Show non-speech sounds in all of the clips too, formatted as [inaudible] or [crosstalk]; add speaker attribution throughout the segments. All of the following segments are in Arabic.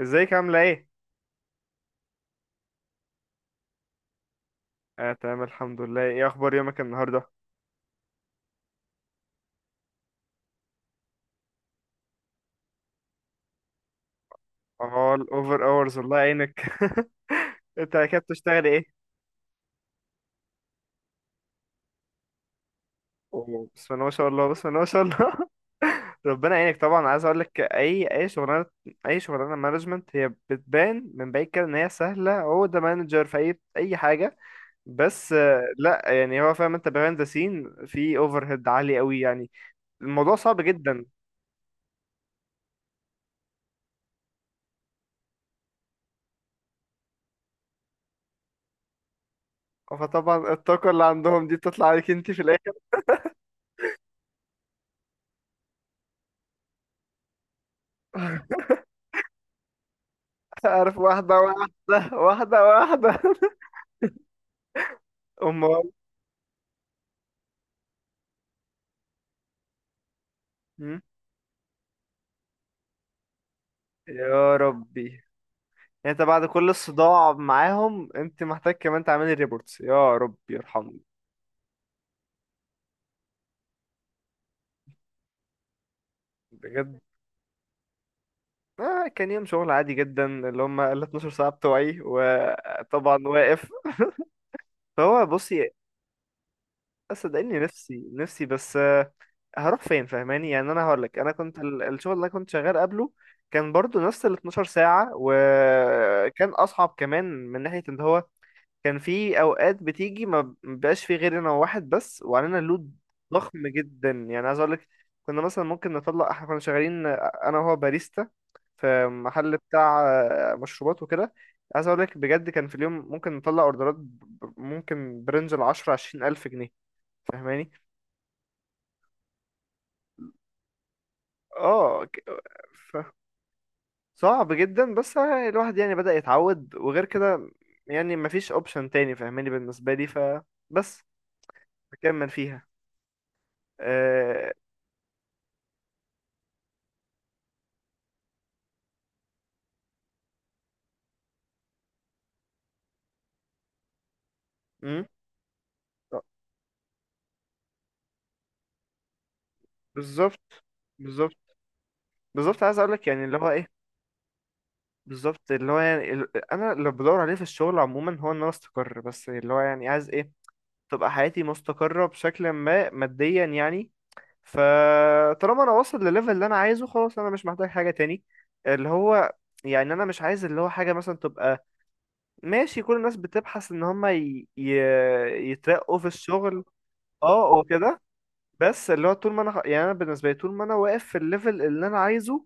Speaker 1: ازيك عاملة ايه؟ اه، تمام الحمد لله. ايه اخبار يومك النهاردة؟ اه، الاوفر اورز الله يعينك. [laughs] انت كده بتشتغلي ايه؟ اوه، بسم الله ما شاء الله، بسم الله ما شاء الله. [laughs] ربنا يعينك، طبعا عايز اقول لك اي شغلانه. اي شغلانه مانجمنت هي بتبان من بعيد كده ان هي سهله، هو ده مانجر في اي حاجه. بس لا، يعني هو فاهم انت بيهايند ذا سين، في اوفر هيد عالي قوي يعني. الموضوع صعب جدا. فطبعا الطاقه اللي عندهم دي بتطلع عليك انت في الاخر. [laughs] عارف، واحدة واحدة واحدة واحدة. [laughs] أمال. مم. يا ربي. يعني انت بعد كل الصداع معاهم انت محتاج كمان تعملي ريبورتس؟ يا ربي يرحمني. بجد. كان يوم شغل عادي جدا، اللي هم ال 12 ساعة بتوعي، وطبعا واقف. فهو بصي. صدقني، نفسي نفسي، بس هروح فين؟ فاهماني؟ يعني انا هقول لك، انا كنت الشغل اللي انا كنت شغال قبله كان برضو نفس ال 12 ساعة، وكان اصعب كمان من ناحية ان هو كان في اوقات بتيجي ما بيبقاش في غير انا وواحد بس، وعلينا لود ضخم جدا. يعني عايز اقول لك، كنا مثلا ممكن نطلع، احنا كنا شغالين انا وهو باريستا في محل بتاع مشروبات وكده. عايز اقول لك بجد، كان في اليوم ممكن نطلع اوردرات ممكن برنج العشرة عشرين الف جنيه. فاهماني؟ اه ك- ف- صعب جدا، بس الواحد يعني بدأ يتعود. وغير كده يعني مفيش اوبشن تاني، فاهماني؟ بالنسبة لي فبس بكمل فيها. أه... بالظبط، بالظبط، بالظبط. عايز اقول لك يعني اللي هو ايه؟ بالظبط، اللي هو يعني انا اللي بدور عليه في الشغل عموما هو ان انا استقر. بس اللي هو يعني عايز ايه؟ تبقى حياتي مستقرة بشكل ما، ماديا يعني. فطالما انا واصل لليفل اللي انا عايزه، خلاص انا مش محتاج حاجة تاني. اللي هو يعني انا مش عايز اللي هو حاجة مثلا تبقى ماشي. كل الناس بتبحث ان هما يترقوا في الشغل. اه وكده. بس اللي هو طول ما انا، يعني انا بالنسبة لي، طول ما انا واقف في الليفل اللي انا عايزه،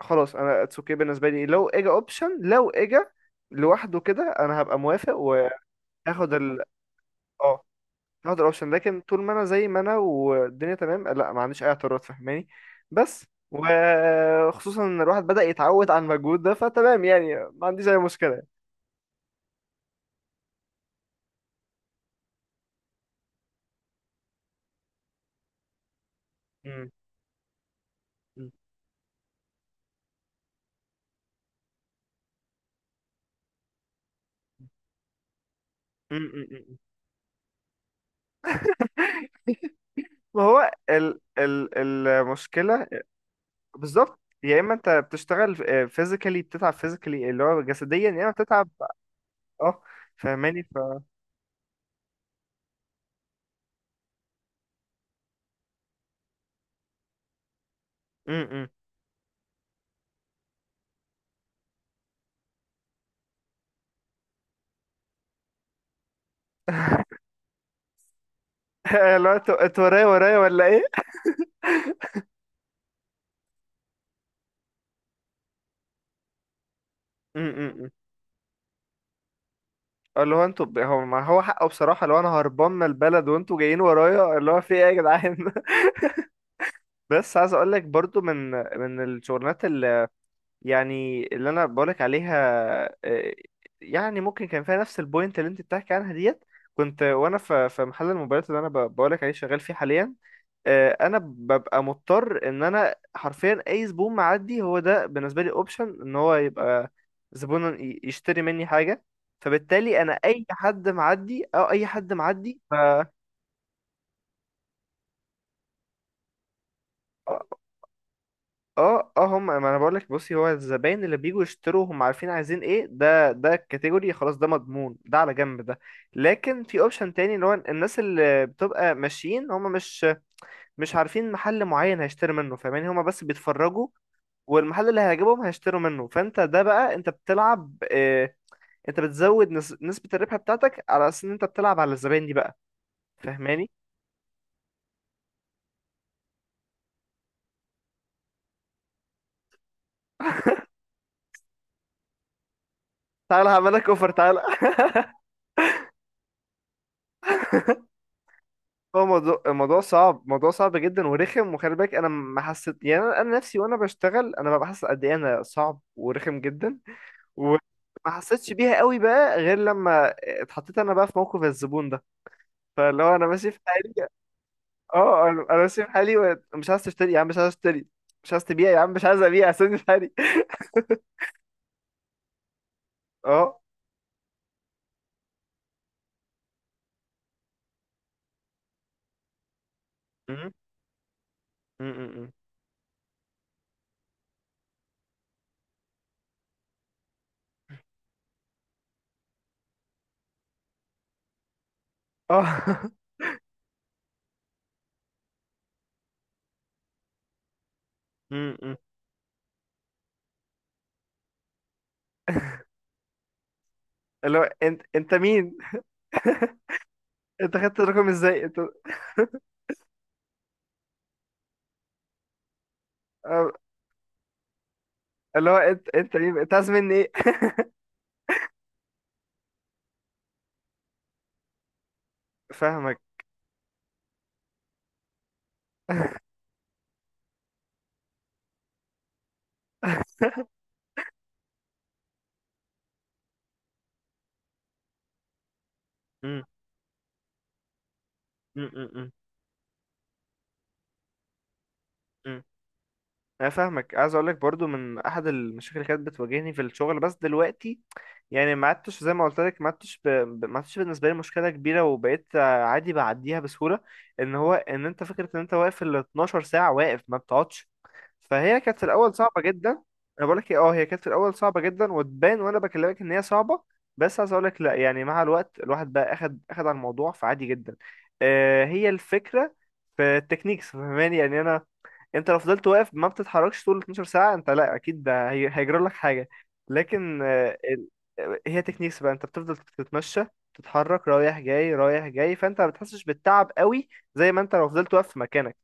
Speaker 1: خلاص انا اتس اوكي. بالنسبه لي لو اجا اوبشن، لو اجا لوحده كده، انا هبقى موافق وهاخد ال اه، هاخد الاوبشن. لكن طول ما انا زي ما انا، والدنيا تمام، لا، ما عنديش اي اعتراض، فاهماني؟ بس. وخصوصا ان الواحد بدأ يتعود على المجهود ده، فتمام يعني، ما عنديش اي مشكله. مم. مم. مم. مم. مم. ما هو ال المشكله، بالظبط. يا اما انت بتشتغل فيزيكالي، بتتعب فيزيكالي اللي هو جسديا، يا اما بتتعب. اه، فاهماني؟ م- م. [laughs] اللي هو انتوا ورايا ورايا ولا ايه؟ امم. اللي هو انتوا هو ما هو حقه بصراحة، لو انا هربان من البلد وانتوا جايين ورايا، اللي هو في ايه يا جدعان؟ [laughs] بس عايز اقول لك برضو من من الشغلانات، يعني اللي انا بقولك عليها، آه، يعني ممكن كان فيها نفس البوينت اللي انت بتحكي عنها ديت. كنت وانا في محل الموبايلات اللي انا بقولك عليه شغال فيه حاليا، انا ببقى مضطر ان انا حرفيا اي زبون معدي هو ده بالنسبه لي اوبشن ان هو يبقى زبون يشتري مني حاجه. فبالتالي انا اي حد معدي او اي حد معدي اه اه. هم، ما انا بقول لك بصي، هو الزباين اللي بيجوا يشتروا هم عارفين عايزين ايه، ده ده الكاتيجوري خلاص، ده مضمون، ده على جنب ده. لكن في اوبشن تاني، اللي هو الناس اللي بتبقى ماشيين هم مش عارفين محل معين هيشتري منه، فاهماني؟ هم بس بيتفرجوا، والمحل اللي هيعجبهم هيشتروا منه. فانت ده بقى انت بتلعب، اه، انت بتزود نسبة الربح بتاعتك على اساس ان انت بتلعب على الزباين دي بقى. فاهماني؟ تعالى هعملك اوفر، تعالى. هو الموضوع صعب، موضوع صعب جدا ورخم. وخلي بالك انا ما حسيت، يعني انا، أنا نفسي وانا بشتغل انا ببقى حاسس قد ايه انا صعب ورخم جدا، وما حسيتش بيها قوي بقى غير لما اتحطيت انا بقى في موقف الزبون ده. فاللي هو انا ماشي في حالي. اه، انا ماشي في حالي، ومش عايز تشتري يا عم، مش عايز اشتري. مش عايز تبيع يا عم، مش عايز ابيع، سيبني في حالي. [laughs] اه م- م- م- م. اه. [laughs] م- م. اللي هو انت مين؟ انت خدت الرقم ازاي انت؟ آه، اللي هو انت مين؟ انت عايز مني ايه؟ فاهمك. [laughs] مم، مم، مم، مم، مم. انا فاهمك. عايز اقول لك برضو، من احد المشاكل اللي كانت بتواجهني في الشغل، بس دلوقتي يعني ما عدتش، زي ما قلت لك ما عدتش بالنسبه لي مشكله كبيره، وبقيت عادي بعديها بسهوله، ان هو ان انت فكره ان انت واقف ال 12 ساعه واقف ما بتقعدش. فهي كانت في الاول صعبه جدا. انا بقول لك إيه، اه، هي كانت في الاول صعبه جدا وتبان وانا بكلمك ان هي صعبه. بس عايز اقول لك لا، يعني مع الوقت الواحد بقى اخد على الموضوع، فعادي جدا. هي الفكره في التكنيكس، فاهماني؟ يعني انا، انت لو فضلت واقف ما بتتحركش طول 12 ساعة انت، لا اكيد ده هيجرى لك حاجة. لكن هي تكنيكس بقى، انت بتفضل تتمشى، تتحرك رايح جاي رايح جاي، فانت ما بتحسش بالتعب قوي. زي ما انت لو فضلت واقف في مكانك،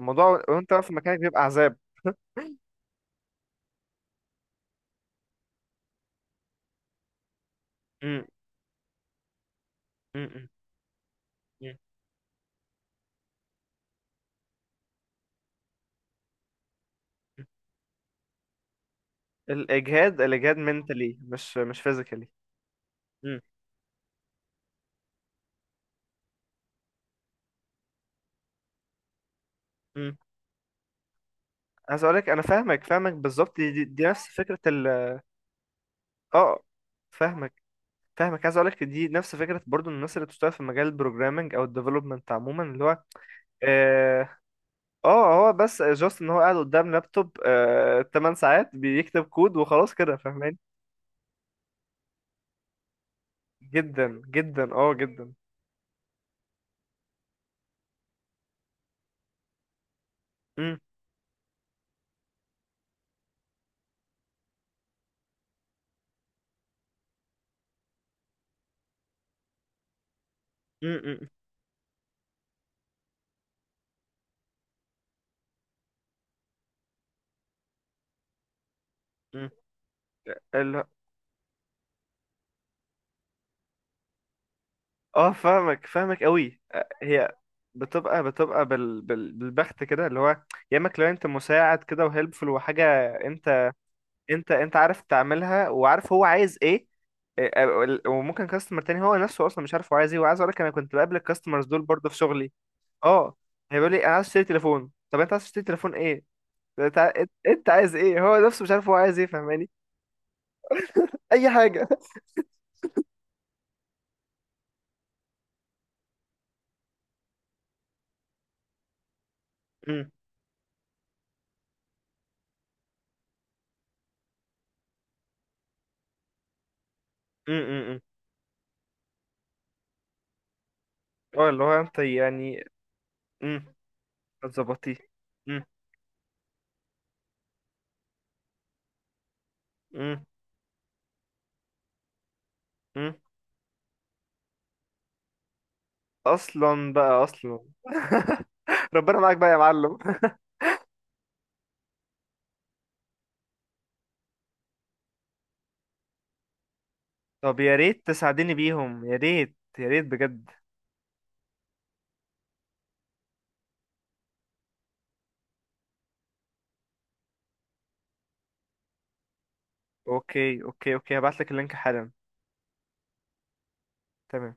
Speaker 1: الموضوع وانت واقف في مكانك بيبقى عذاب. م- م- م- م- م. الاجهاد، الاجهاد منتلي، مش فيزيكالي. عايز اقولك انا فاهمك، بالظبط دي نفس فكرة اه. فاهمك فاهمك عايز اقولك دي نفس فكره برضو الناس اللي بتشتغل في مجال البروجرامنج او الديفلوبمنت عموما اللي هو اه. هو بس جاست ان هو قاعد قدام لابتوب، 8 ساعات بيكتب كود وخلاص كده. فاهماني؟ جدا جدا، اه جدا. امم. امم. امم. إمم. ال... اه، فاهمك قوي هي بتبقى بالبخت كده. اللي هو يا اما كلاينت مساعد كده وهيلبفul وحاجه انت انت عارف تعملها وعارف هو عايز ايه. إيه، وممكن كاستمر تاني هو نفسه اصلا مش عارف هو عايز ايه. وعايز اقول لك انا كنت بقابل الكاستمرز دول برضه في شغلي. اه. هيقولوا لي انا عايز اشتري تليفون. طب انت عايز تشتري تليفون ايه؟ انت عايز ايه؟ هو نفسه مش عارف هو عايز ايه، فاهماني؟ اي حاجه. [laughs] امم. امم. امم. اه، اللي هو انت يعني. امم. هتظبطيه. امم. امم. امم. اصلا بقى اصلا. [laughs] ربنا معاك بقى يا معلم. [laughs] طب يا ريت تساعديني بيهم، يا ريت، يا ريت بجد. اوكي، اوكي، اوكي، هبعت لك اللينك حالا. تمام.